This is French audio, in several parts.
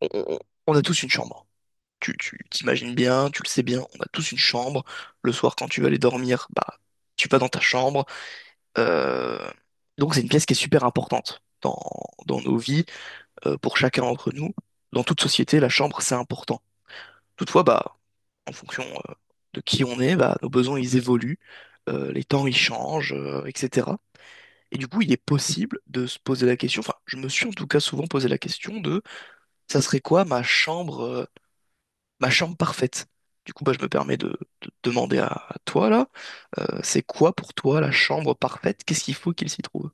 on, on- on a tous une chambre. Tu t'imagines bien, tu le sais bien, on a tous une chambre. Le soir, quand tu vas aller dormir, bah, tu vas dans ta chambre. Euh, Donc, c'est une pièce qui est super importante dans nos vies, pour chacun d'entre nous. Dans toute société, la chambre, c'est important. Toutefois, bah, en fonction, euh, de qui on est, bah, nos besoins, ils évoluent, les temps, ils changent, etc. Et du coup, il est possible de se poser la question, enfin, je me suis en tout cas souvent posé la question de, ça serait quoi ma chambre parfaite. Du coup, bah, je me permets de demander à toi là, c'est quoi pour toi la chambre parfaite? Qu'est-ce qu'il faut qu'il s'y trouve?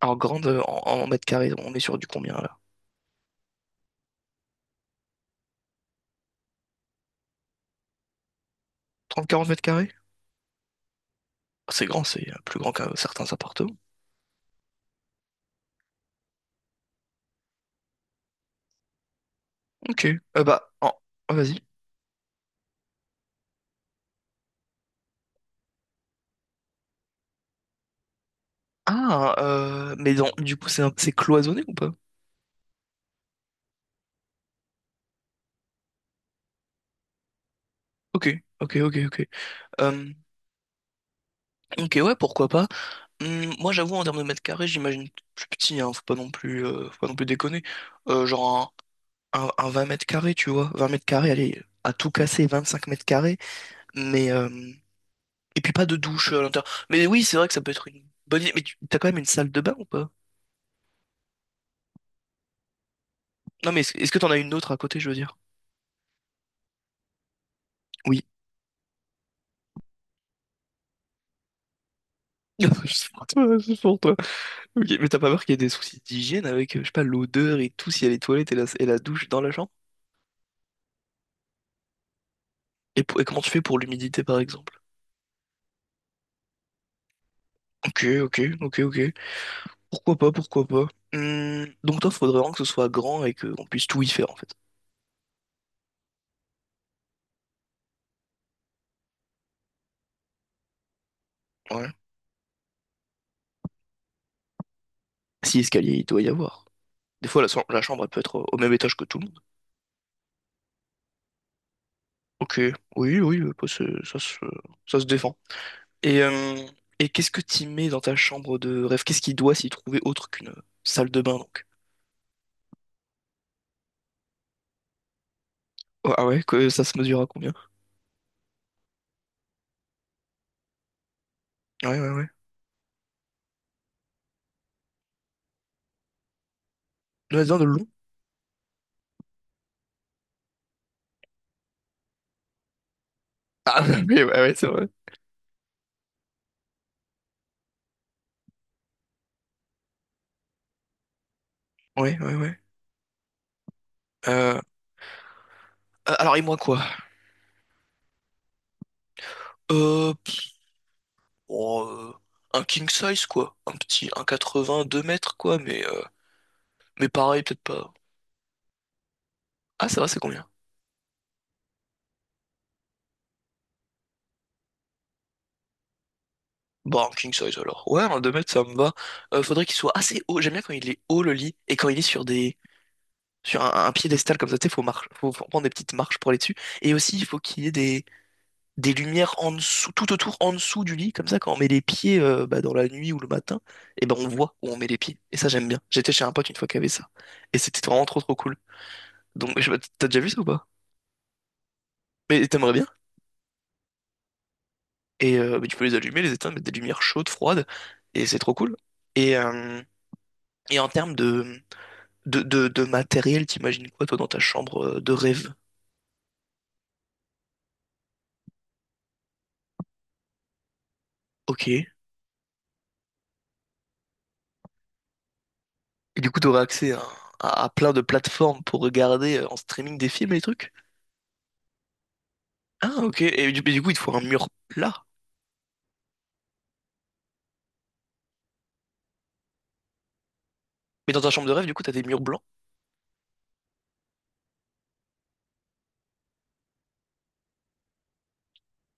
Alors grande en mètres carrés, on est sur du combien là? 30-40 mètres carrés? Ah, c'est grand, c'est plus grand qu'un certains appartements. Ok. Bah, ah, vas-y. Ah, mais du coup, c'est c'est cloisonné ou pas? Ok, ok, ok, ok. Euh, ok, ouais, pourquoi pas. Moi, j'avoue, en termes de mètres carrés, j'imagine plus petit, hein, faut pas non plus, faut pas non plus déconner. Genre un 20 mètres carrés, tu vois. 20 mètres carrés, allez, à tout casser, 25 mètres carrés. Mais, et puis pas de douche à l'intérieur. Mais oui, c'est vrai que ça peut être une bonne idée. Mais tu t'as quand même une salle de bain ou pas? Non, mais est-ce que t'en as une autre à côté, je veux dire? Oui. C'est pour toi, c'est pour toi. Ok, mais t'as pas peur qu'il y ait des soucis d'hygiène avec, je sais pas, l'odeur et tout, s'il y a les toilettes et la douche dans la chambre? Et comment tu fais pour l'humidité, par exemple? Ok, ok, ok, ok. Pourquoi pas, pourquoi pas. Donc toi, faudrait vraiment que ce soit grand et qu'on puisse tout y faire, en fait. Ouais. Si escalier, il doit y avoir. Des fois, la chambre, elle peut être au au même étage que tout le monde. Ok, oui, oui, bah, ça se défend. Et, euh, et qu'est-ce que t'y mets dans ta chambre de rêve? Qu'est-ce qui doit s'y trouver autre qu'une salle de bain, donc? Oh, ah ouais, que ça se mesure à combien? Ouais, ouais, ouais. Nous, dans de long? Ah, oui, ouais, ouais, c'est vrai. Ouais, ouais, ouais. Euh, alors, et moi, quoi? Euh, pff, oh, un king size, quoi. Un petit un quatre-vingts, 2 mètres, quoi, mais pareil, peut-être pas. Ah, ça va, c'est combien? Bon, en king size alors. Ouais, un 2 mètres, ça me va. Faudrait qu'il soit assez haut. J'aime bien quand il est haut le lit et quand il est sur des sur un piédestal comme ça, tu sais, faut prendre des petites marches pour aller dessus. Et aussi, il faut qu'il y ait des lumières en dessous, tout autour, en dessous du lit. Comme ça, quand on met les pieds bah, dans la nuit ou le matin, et ben on voit où on met les pieds. Et ça, j'aime bien. J'étais chez un pote une fois qui avait ça. Et c'était vraiment trop trop cool. Donc, je... T'as déjà vu ça ou pas? Mais t'aimerais bien. Et bah, tu peux les allumer, les éteindre, mettre des lumières chaudes, froides. Et c'est trop cool. Et, euh, et en termes de... de matériel, t'imagines quoi, toi, dans ta chambre de rêve? Ok. Et du coup, t'aurais accès à, à plein de plateformes pour regarder en streaming des films et des trucs? Ah, ok. Mais du coup, il te faut un mur plat. Mais dans ta chambre de rêve, du coup, t'as des murs blancs.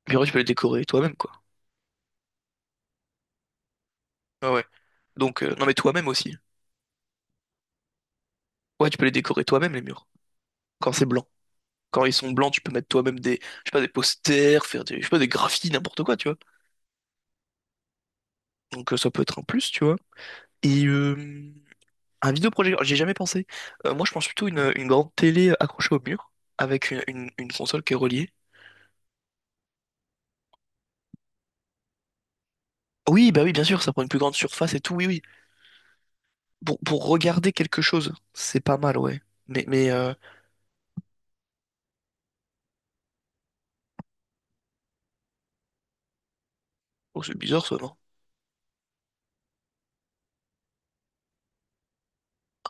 Les murs, tu peux les décorer toi-même, quoi. Ah ouais. Non, mais toi-même aussi. Ouais, tu peux les décorer toi-même, les murs. Quand c'est blanc. Quand ils sont blancs, tu peux mettre toi-même des, je sais pas, des posters, faire des, je sais pas, des graphies, n'importe quoi, tu vois. Donc, ça peut être un plus, tu vois. Et, euh, Un vidéoprojecteur, j'ai jamais pensé. Moi, je pense plutôt une grande télé accrochée au mur, avec une console qui est reliée. Oui, bah oui, bien sûr, ça prend une plus grande surface et tout, oui, oui. Pour regarder quelque chose, c'est pas mal, ouais. Mais, mais euh, oh, c'est bizarre, ça, non?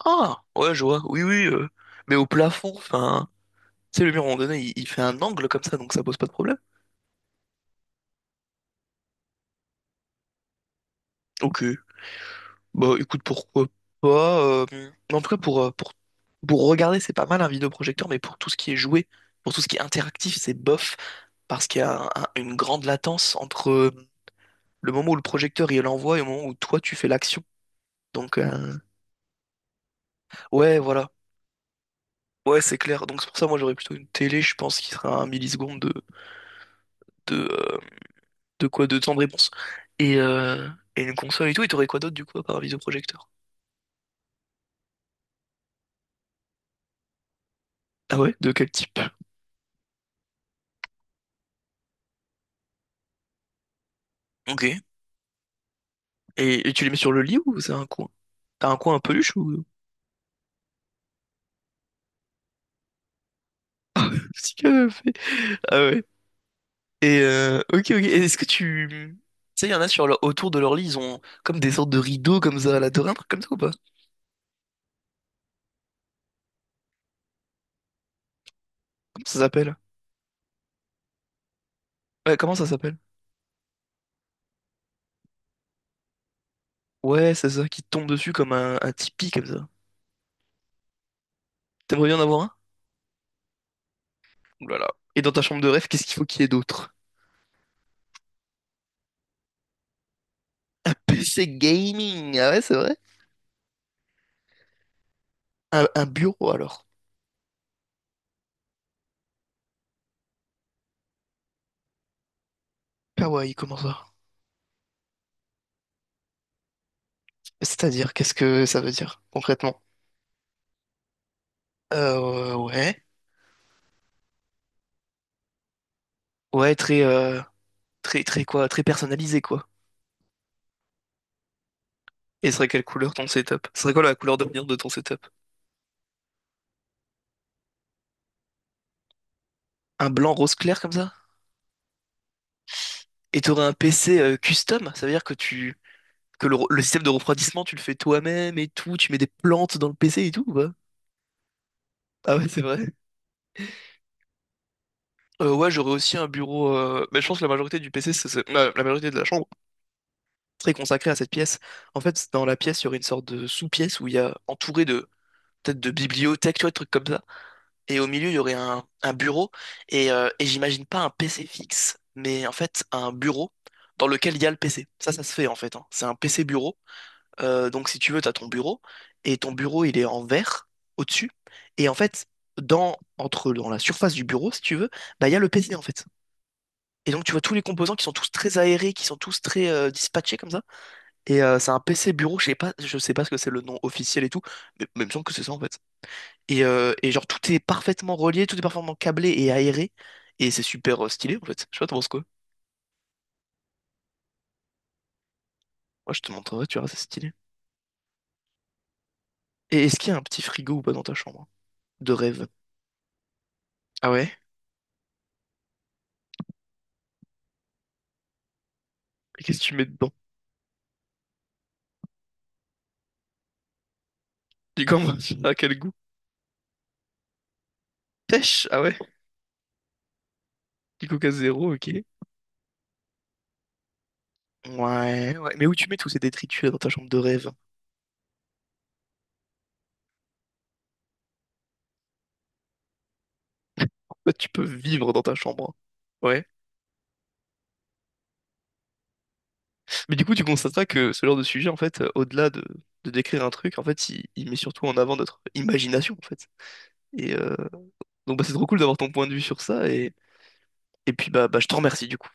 Ah, ouais, je vois, oui, oui. Mais au plafond, enfin, tu sais, le mur, à un moment donné, il fait un angle comme ça, donc ça pose pas de problème. Ok. Bah écoute, pourquoi pas. En tout cas, pour regarder, c'est pas mal un vidéoprojecteur, mais pour tout ce qui est joué, pour tout ce qui est interactif, c'est bof, parce qu'il y a une grande latence entre le moment où le projecteur il l'envoie et le moment où toi tu fais l'action. Donc euh, ouais, voilà. Ouais, c'est clair. Donc c'est pour ça, moi j'aurais plutôt une télé, je pense, qui sera à un milliseconde de, euh, de quoi, de temps de réponse. Et, euh, et une console et tout, et t'aurais quoi d'autre du coup, à part un vidéoprojecteur? Ah ouais? De quel type? Ok. Et tu les mets sur le lit ou c'est un coin? T'as un coin un peluche ou... Si canapé. Ah ouais. Ok, ok. Et est-ce que tu... Tu sais, il y en a sur autour de leur lit, ils ont comme des sortes de rideaux comme ça à la dorée, un truc comme ça ou pas? Comment ça s'appelle? Ouais, comment ça s'appelle? Ouais, c'est ça, qui te tombe dessus comme un tipi comme ça. T'aimerais bien en avoir un? Ouh là là. Et dans ta chambre de rêve, qu'est-ce qu'il faut qu'il y ait d'autre? PC gaming, ah ouais, c'est vrai? Un bureau alors. Ah ouais, comment ça? C'est-à-dire, qu'est-ce que ça veut dire concrètement? Ouais. Ouais, très. Très, très quoi, très personnalisé, quoi. Et ce serait quelle couleur ton setup? Ce serait quoi la couleur d'avenir de ton setup? Un blanc rose clair comme ça? Et t'aurais un PC custom? Ça veut dire que tu le système de refroidissement, tu le fais toi-même et tout, tu mets des plantes dans le PC et tout, ou pas? Ah ouais, c'est vrai. Ouais, j'aurais aussi un bureau. Mais je pense que la majorité du PC, la majorité de la chambre serait consacrée à cette pièce. En fait, dans la pièce, il y aurait une sorte de sous-pièce où il y a entouré de peut-être de bibliothèques, tu vois, des trucs comme ça. Et au milieu, il y aurait un bureau, et j'imagine pas un PC fixe, mais en fait un bureau dans lequel il y a le PC. Ça se fait en fait, hein. C'est un PC bureau. Donc si tu veux, tu as ton bureau, et ton bureau, il est en verre au-dessus, et en fait, dans la surface du bureau, si tu veux, bah, il y a le PC en fait. Et donc tu vois tous les composants qui sont tous très aérés, qui sont tous très dispatchés comme ça. C'est un PC bureau, je sais pas ce que c'est le nom officiel et tout, mais il me semble que c'est ça en fait. Et genre, tout est parfaitement relié, tout est parfaitement câblé et aéré. Et c'est super stylé, en fait. Je sais pas, t'en penses quoi? Moi, je te montrerai, tu verras, c'est stylé. Et est-ce qu'il y a un petit frigo ou pas dans ta chambre, hein? De rêve. Ah ouais? Et qu'est-ce que tu mets dedans? Du camembert, à quel goût? Pêche? Ah ouais? Du coca zéro, ok. Ouais, ouais. Mais où tu mets tous ces détritus là dans ta chambre de rêve? En fait, tu peux vivre dans ta chambre. Ouais. Mais du coup, tu constateras que ce genre de sujet, en fait, au-delà de décrire un truc, en fait, il met surtout en avant notre imagination, en fait. Et, euh, Donc bah, c'est trop cool d'avoir ton point de vue sur ça et puis bah je te remercie du coup.